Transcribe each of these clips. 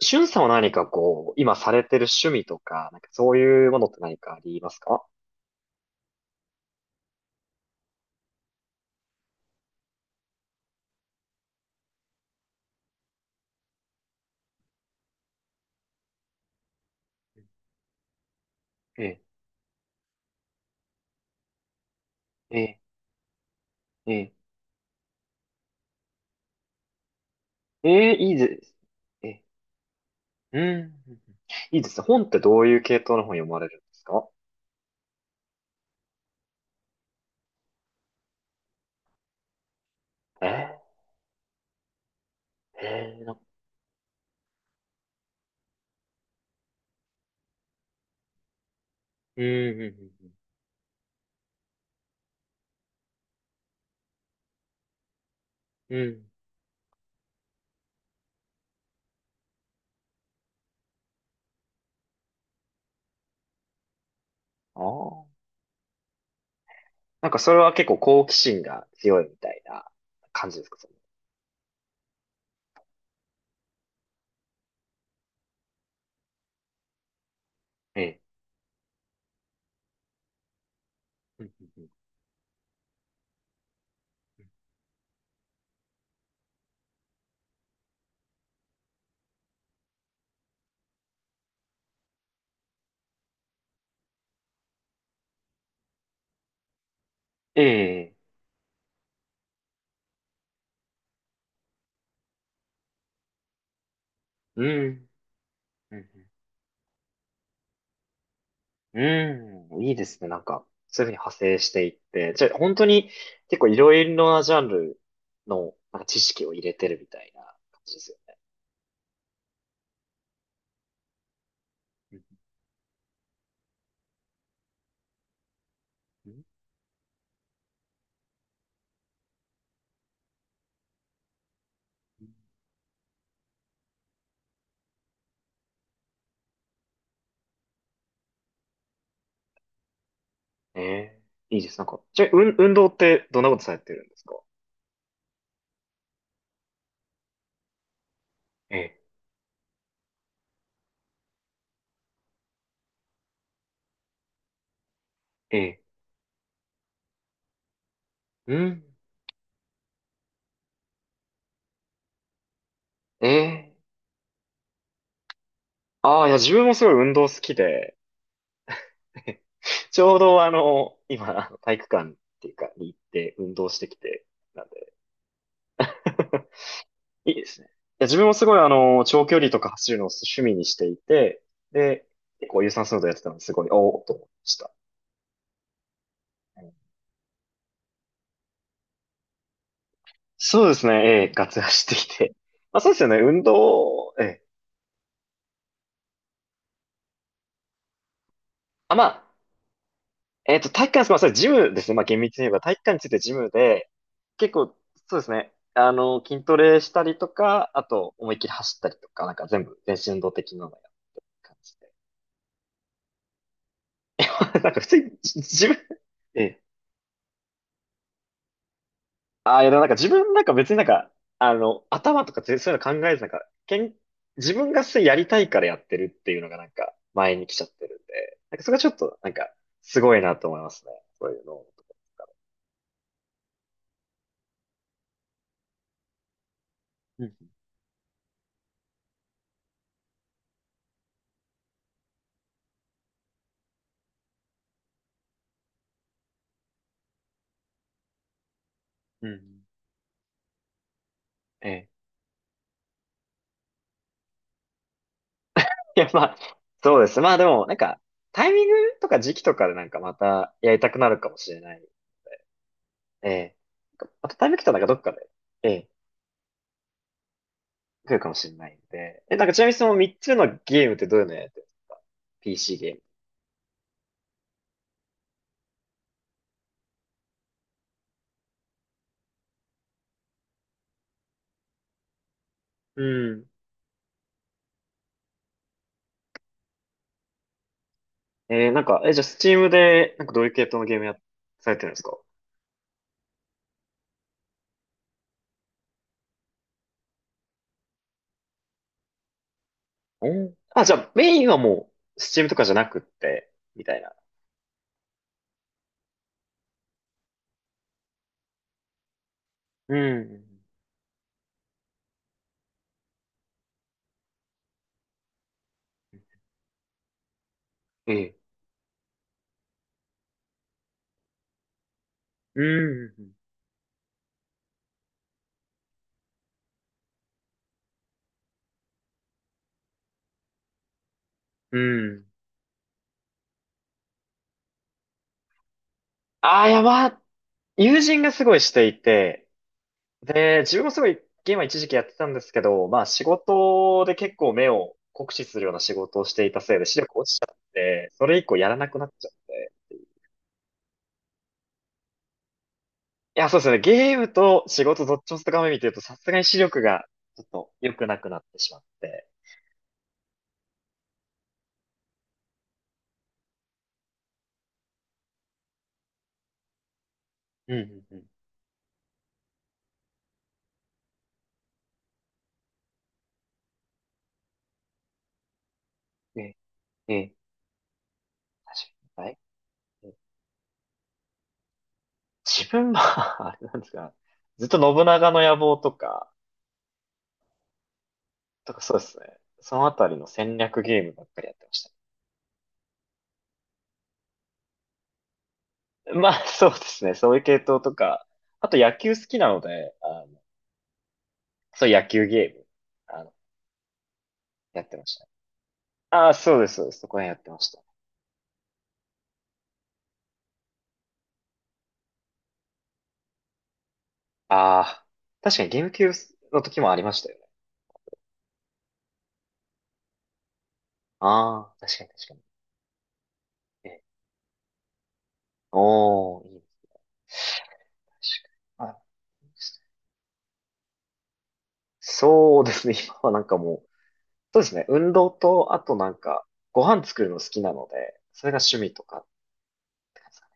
しゅんさんは何かこう、今されてる趣味とか、なんかそういうものって何かありますか？ええ、ええ、ええ、ええ、いいです。ええ、うん。いいですね。本ってどういう系統の本読まれるんですか？ええ、ええ、うん、うん、うん。うん。ああ、なんかそれは結構好奇心が強いみたいな感じですか、それ？ええ、うん、うんうん、ええ、うん、うん。うん、いいですね。なんか、そういうふうに派生していって。じゃあ、本当に結構いろいろなジャンルのなんか知識を入れてるみたいな感じですよね？うんうん、ね。ええ、いいです。なんか、じゃあ、運動ってどんなことされてるんですか？ええ、ええ、うん、ええ。ああ、いや、自分もすごい運動好きで、ちょうどあの、今、あの体育館っていうか、に行って運動してきて、なんで。いいですね。いや、自分もすごいあの、長距離とか走るのを趣味にしていて、で、結構有酸素運動やってたのですごい、おおと思いました。うん。そうですね、ええ、ガツ走ってきて。まあそうですよね、運動、ええ。あ、まあ、体育館です、まあそれジムですね、まあ厳密に言えば体育館についてジムで、結構、そうですね、あの、筋トレしたりとか、あと、思いっきり走ったりとか、なんか全部、全身運動的なのやる感じで。なんか普通に、自分、ええ。ああ、いや、でもなんか自分なんか別になんか、あの、頭とか全そういうの考えずなんか、自分がそれやりたいからやってるっていうのがなんか前に来ちゃってるんで、なんかそれがちょっとなんかすごいなと思いますね。そういうの。うん、うん。ええ。いや、まあ、そうです。まあでもなんか、タイミングとか時期とかでなんかまたやりたくなるかもしれない。ええ。なんかまたタイミング来たらなんかどっかで、ええ、来るかもしれないんで。え、なんかちなみにその3つのゲームってどういうのやってるんですか？ PC ゲーム？うん。なんか、じゃあ、スチームで、なんかどういう系統のゲームや、されてるんですか？おーあ、じゃあ、メインはもう、スチームとかじゃなくって、みたいな。うん。ええ。うん。うん。ああ、いや、まあ、友人がすごいしていて、で、自分もすごいゲームは一時期やってたんですけど、まあ、仕事で結構目を酷使するような仕事をしていたせいで視力落ちちゃって、それ以降やらなくなっちゃって。いや、そうですね。ゲームと仕事どっちも高め見てると、さすがに視力がちょっと良くなくなってしまって。うんうんうん。ね、ね、確かに。はい。うん。自分は あれなんですか。ずっと信長の野望とか、とかそうですね。そのあたりの戦略ゲームばっかりやってました。まあ、そうですね。そういう系統とか、あと野球好きなので、あの、そういう野球ゲーム、あの、やってました。ああ、そうです、そうです。そこら辺やってました。ああ、確かにゲーム級の時もありましたよね。ああ、確かに確かに。え、おー、いいね。確かに。あ、そうですね。今はなんかもう、そうですね。運動と、あとなんか、ご飯作るの好きなので、それが趣味とかって感じですかね。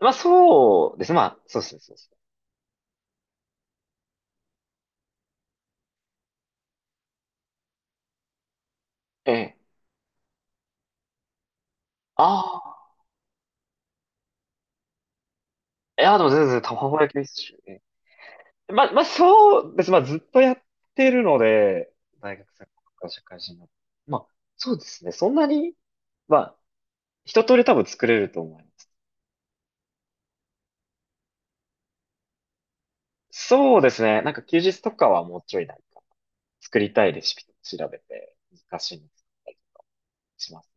まあそうですね。まあ、そうですね。そうですね。ええ。ああ。いや、でも全然卵焼きですし。ええ。まあ、まあそうです。まあずっとやってるので、大学生から社会人になって。まあ、そうですね。そんなに、まあ、一通り多分作れると思います。そうですね。なんか休日とかはもうちょいなんか作りたいレシピとか調べて難しいの作ったりします。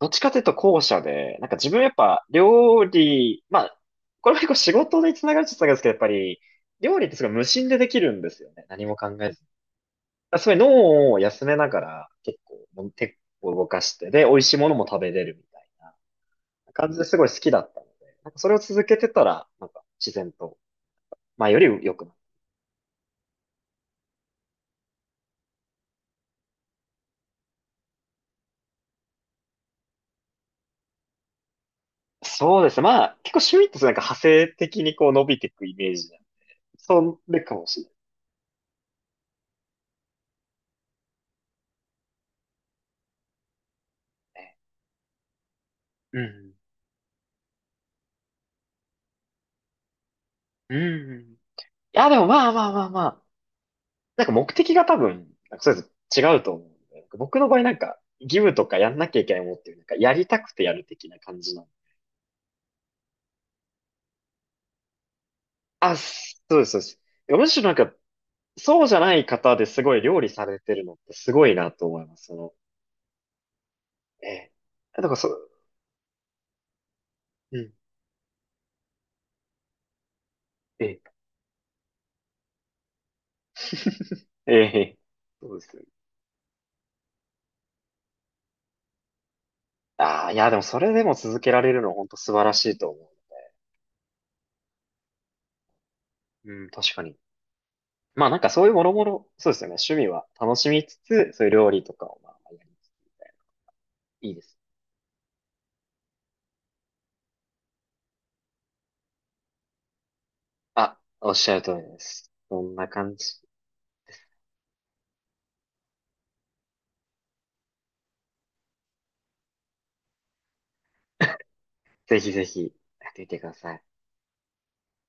どっちかというと後者で、なんか自分やっぱ料理、まあ、これも結構仕事につながるっちゃつながるんですけど、やっぱり料理ってすごい無心でできるんですよね。何も考えずに。だからすごい脳を休めながら結構手を動かして、で、美味しいものも食べれるみたいな感じですごい好きだったので、なんかそれを続けてたら、なんか自然と、まあより良くなる。そうですね。まあ、結構趣味ってなんか派生的にこう伸びていくイメージなんで。それかもしれないね。うん。うん。いや、でもまあまあまあまあ。なんか目的が多分、なんかそれぞれ違うと思うんで。なんか僕の場合なんか、義務とかやんなきゃいけないものっていう、なんかやりたくてやる的な感じなの。あ、そうです、そうです。いやむしろなんか、そうじゃない方ですごい料理されてるのってすごいなと思います。その、ええ。だからそう、うん。ええ、ええ、そうですよね。ああ、いや、でもそれでも続けられるのは本当素晴らしいと思う。うん、確かに。まあなんかそういうもろもろ、そうですよね。趣味は楽しみつつ、そういう料理とかをまあやりつつ、いいです。あ、おっしゃる通りです。そんな感じ。ぜひぜひ、やってみてください。